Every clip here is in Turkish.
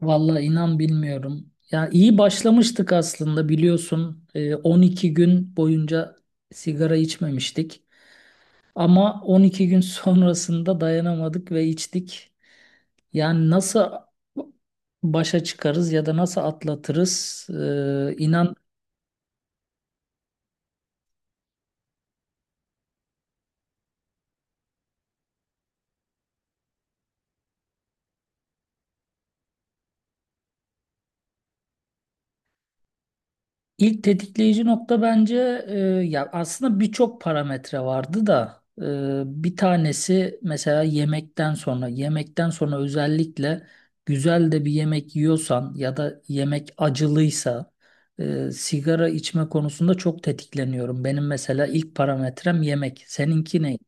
Vallahi inan bilmiyorum. Ya iyi başlamıştık aslında biliyorsun. 12 gün boyunca sigara içmemiştik. Ama 12 gün sonrasında dayanamadık ve içtik. Yani nasıl başa çıkarız ya da nasıl atlatırız? İnan İlk tetikleyici nokta bence ya aslında birçok parametre vardı da, bir tanesi mesela yemekten sonra özellikle güzel de bir yemek yiyorsan ya da yemek acılıysa, sigara içme konusunda çok tetikleniyorum. Benim mesela ilk parametrem yemek. Seninki ne?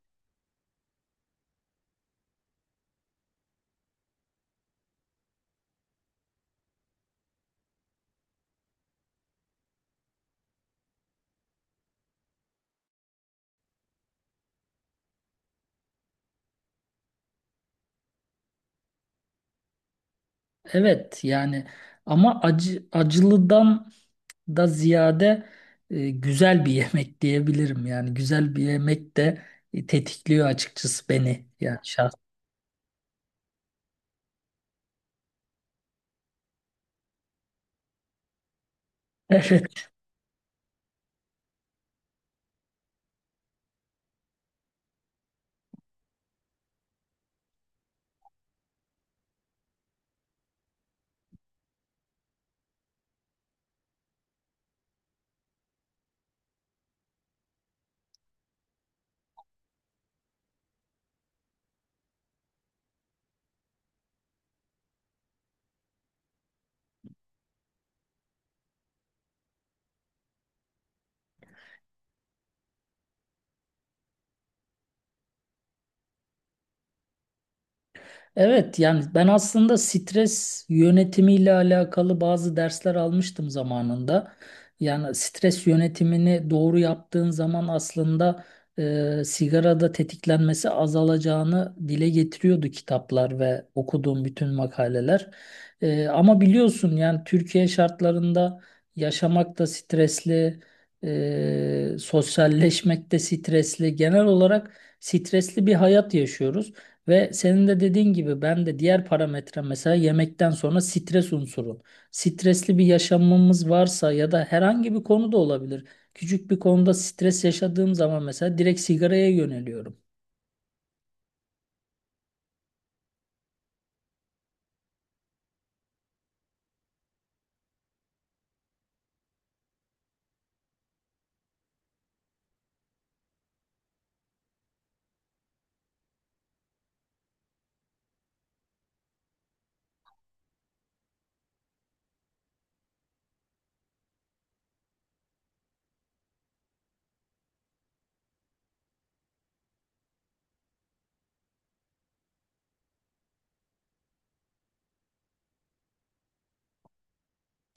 Evet yani, ama acı acılıdan da ziyade, güzel bir yemek diyebilirim. Yani güzel bir yemek de tetikliyor açıkçası beni. Yani şahsen. Evet yani ben aslında stres yönetimiyle alakalı bazı dersler almıştım zamanında. Yani stres yönetimini doğru yaptığın zaman aslında sigarada tetiklenmesi azalacağını dile getiriyordu kitaplar ve okuduğum bütün makaleler. Ama biliyorsun yani Türkiye şartlarında yaşamak da stresli, sosyalleşmek de stresli. Genel olarak stresli bir hayat yaşıyoruz. Ve senin de dediğin gibi ben de diğer parametre mesela yemekten sonra stres unsuru. Stresli bir yaşamımız varsa ya da herhangi bir konu da olabilir. Küçük bir konuda stres yaşadığım zaman mesela direkt sigaraya yöneliyorum.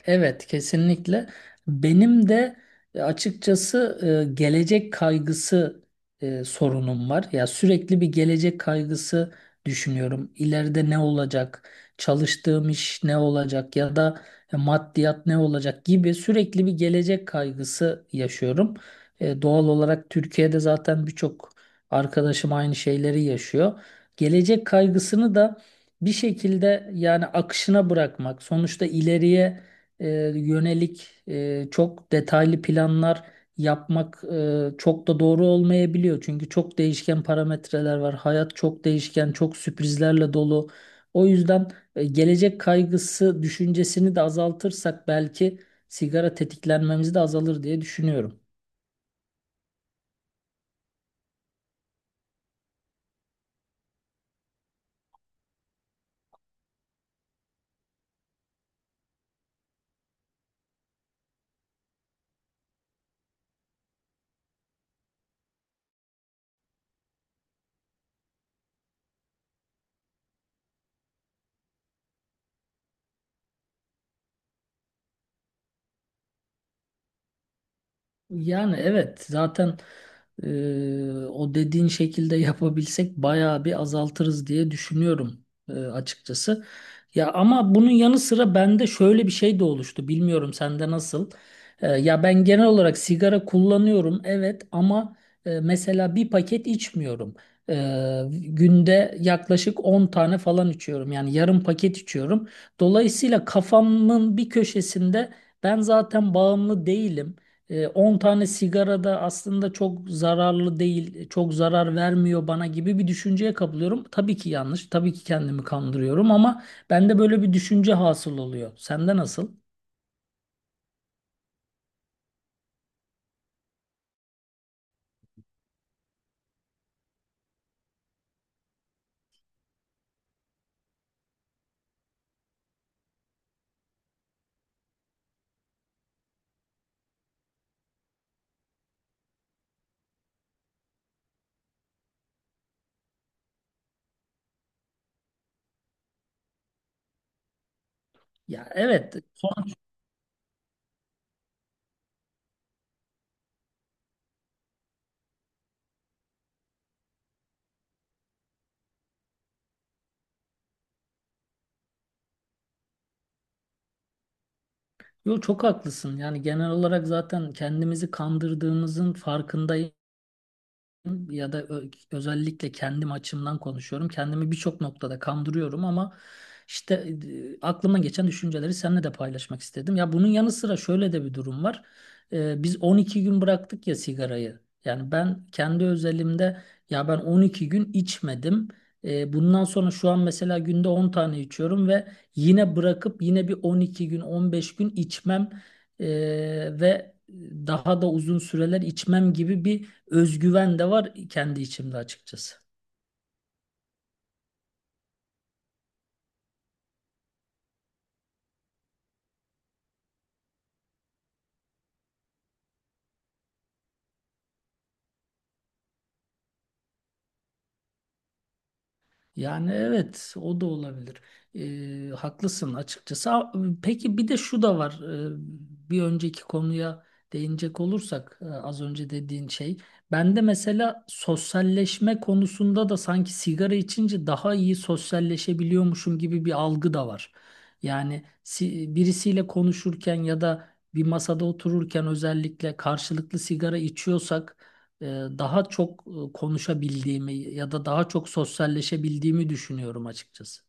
Evet, kesinlikle. Benim de açıkçası gelecek kaygısı sorunum var. Ya sürekli bir gelecek kaygısı düşünüyorum. İleride ne olacak? Çalıştığım iş ne olacak? Ya da maddiyat ne olacak gibi sürekli bir gelecek kaygısı yaşıyorum. Doğal olarak Türkiye'de zaten birçok arkadaşım aynı şeyleri yaşıyor. Gelecek kaygısını da bir şekilde yani akışına bırakmak, sonuçta ileriye e, yönelik, çok detaylı planlar yapmak çok da doğru olmayabiliyor. Çünkü çok değişken parametreler var. Hayat çok değişken, çok sürprizlerle dolu. O yüzden gelecek kaygısı düşüncesini de azaltırsak belki sigara tetiklenmemiz de azalır diye düşünüyorum. Yani evet zaten o dediğin şekilde yapabilsek bayağı bir azaltırız diye düşünüyorum, açıkçası. Ya ama bunun yanı sıra bende şöyle bir şey de oluştu. Bilmiyorum sende nasıl? Ya ben genel olarak sigara kullanıyorum evet ama mesela bir paket içmiyorum. E, Günde yaklaşık 10 tane falan içiyorum. Yani yarım paket içiyorum. Dolayısıyla kafamın bir köşesinde ben zaten bağımlı değilim. 10 tane sigara da aslında çok zararlı değil, çok zarar vermiyor bana gibi bir düşünceye kapılıyorum. Tabii ki yanlış, tabii ki kendimi kandırıyorum, ama bende böyle bir düşünce hasıl oluyor. Sende nasıl? Ya evet. Yo, çok haklısın. Yani genel olarak zaten kendimizi kandırdığımızın farkındayım, ya da özellikle kendim açımdan konuşuyorum. Kendimi birçok noktada kandırıyorum, ama işte aklıma geçen düşünceleri seninle de paylaşmak istedim. Ya bunun yanı sıra şöyle de bir durum var. Biz 12 gün bıraktık ya sigarayı. Yani ben kendi özelimde, ya ben 12 gün içmedim. Bundan sonra şu an mesela günde 10 tane içiyorum ve yine bırakıp yine bir 12 gün 15 gün içmem, e, ve daha da uzun süreler içmem gibi bir özgüven de var kendi içimde açıkçası. Yani evet, o da olabilir. Haklısın açıkçası. Peki bir de şu da var. Bir önceki konuya değinecek olursak, az önce dediğin şey. Ben de mesela sosyalleşme konusunda da sanki sigara içince daha iyi sosyalleşebiliyormuşum gibi bir algı da var. Yani birisiyle konuşurken ya da bir masada otururken özellikle karşılıklı sigara içiyorsak, e, daha çok konuşabildiğimi ya da daha çok sosyalleşebildiğimi düşünüyorum açıkçası.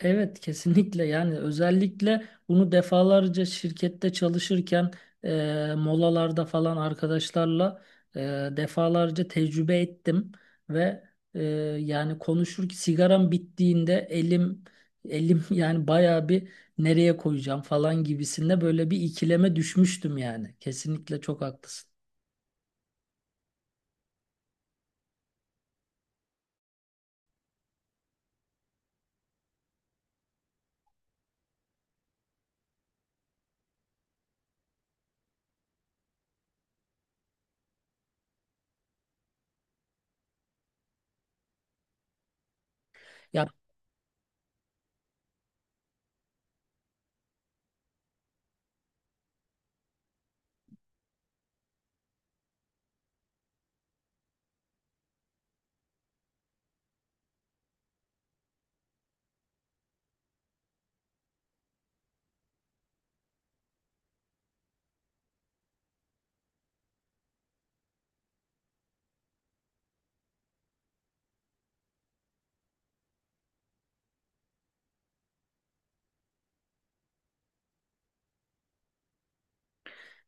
Evet kesinlikle, yani özellikle bunu defalarca şirkette çalışırken molalarda falan arkadaşlarla e, defalarca tecrübe ettim ve, e, yani konuşur sigaram bittiğinde elim yani bayağı bir nereye koyacağım falan gibisinde böyle bir ikileme düşmüştüm yani. Kesinlikle çok haklısın. Ya.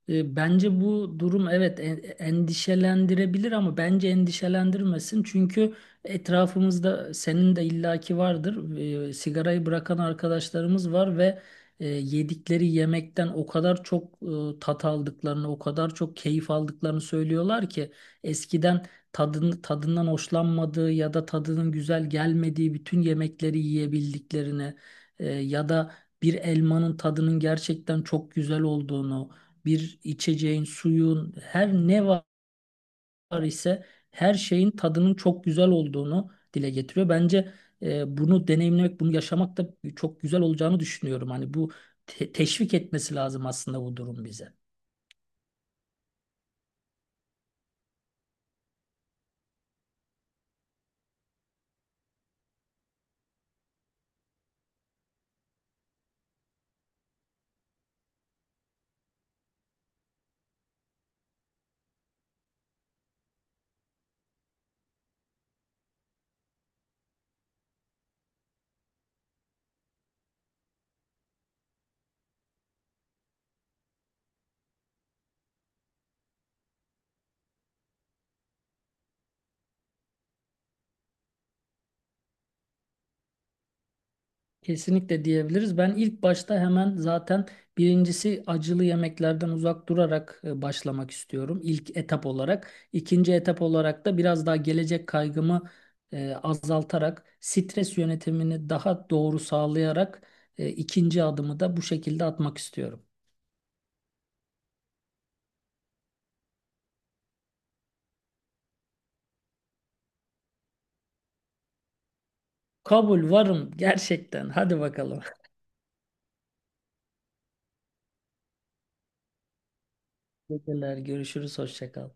Bence bu durum evet endişelendirebilir ama bence endişelendirmesin. Çünkü etrafımızda senin de illaki vardır. Sigarayı bırakan arkadaşlarımız var ve yedikleri yemekten o kadar çok tat aldıklarını, o kadar çok keyif aldıklarını söylüyorlar ki eskiden tadını, tadından hoşlanmadığı ya da tadının güzel gelmediği bütün yemekleri yiyebildiklerini, ya da bir elmanın tadının gerçekten çok güzel olduğunu, bir içeceğin, suyun, her ne var ise her şeyin tadının çok güzel olduğunu dile getiriyor. Bence bunu deneyimlemek, bunu yaşamak da çok güzel olacağını düşünüyorum. Hani bu teşvik etmesi lazım aslında bu durum bize. Kesinlikle diyebiliriz. Ben ilk başta hemen zaten birincisi acılı yemeklerden uzak durarak başlamak istiyorum. İlk etap olarak. İkinci etap olarak da biraz daha gelecek kaygımı azaltarak, stres yönetimini daha doğru sağlayarak ikinci adımı da bu şekilde atmak istiyorum. Kabul, varım gerçekten. Hadi bakalım. Teşekkürler. Görüşürüz. Hoşça kal.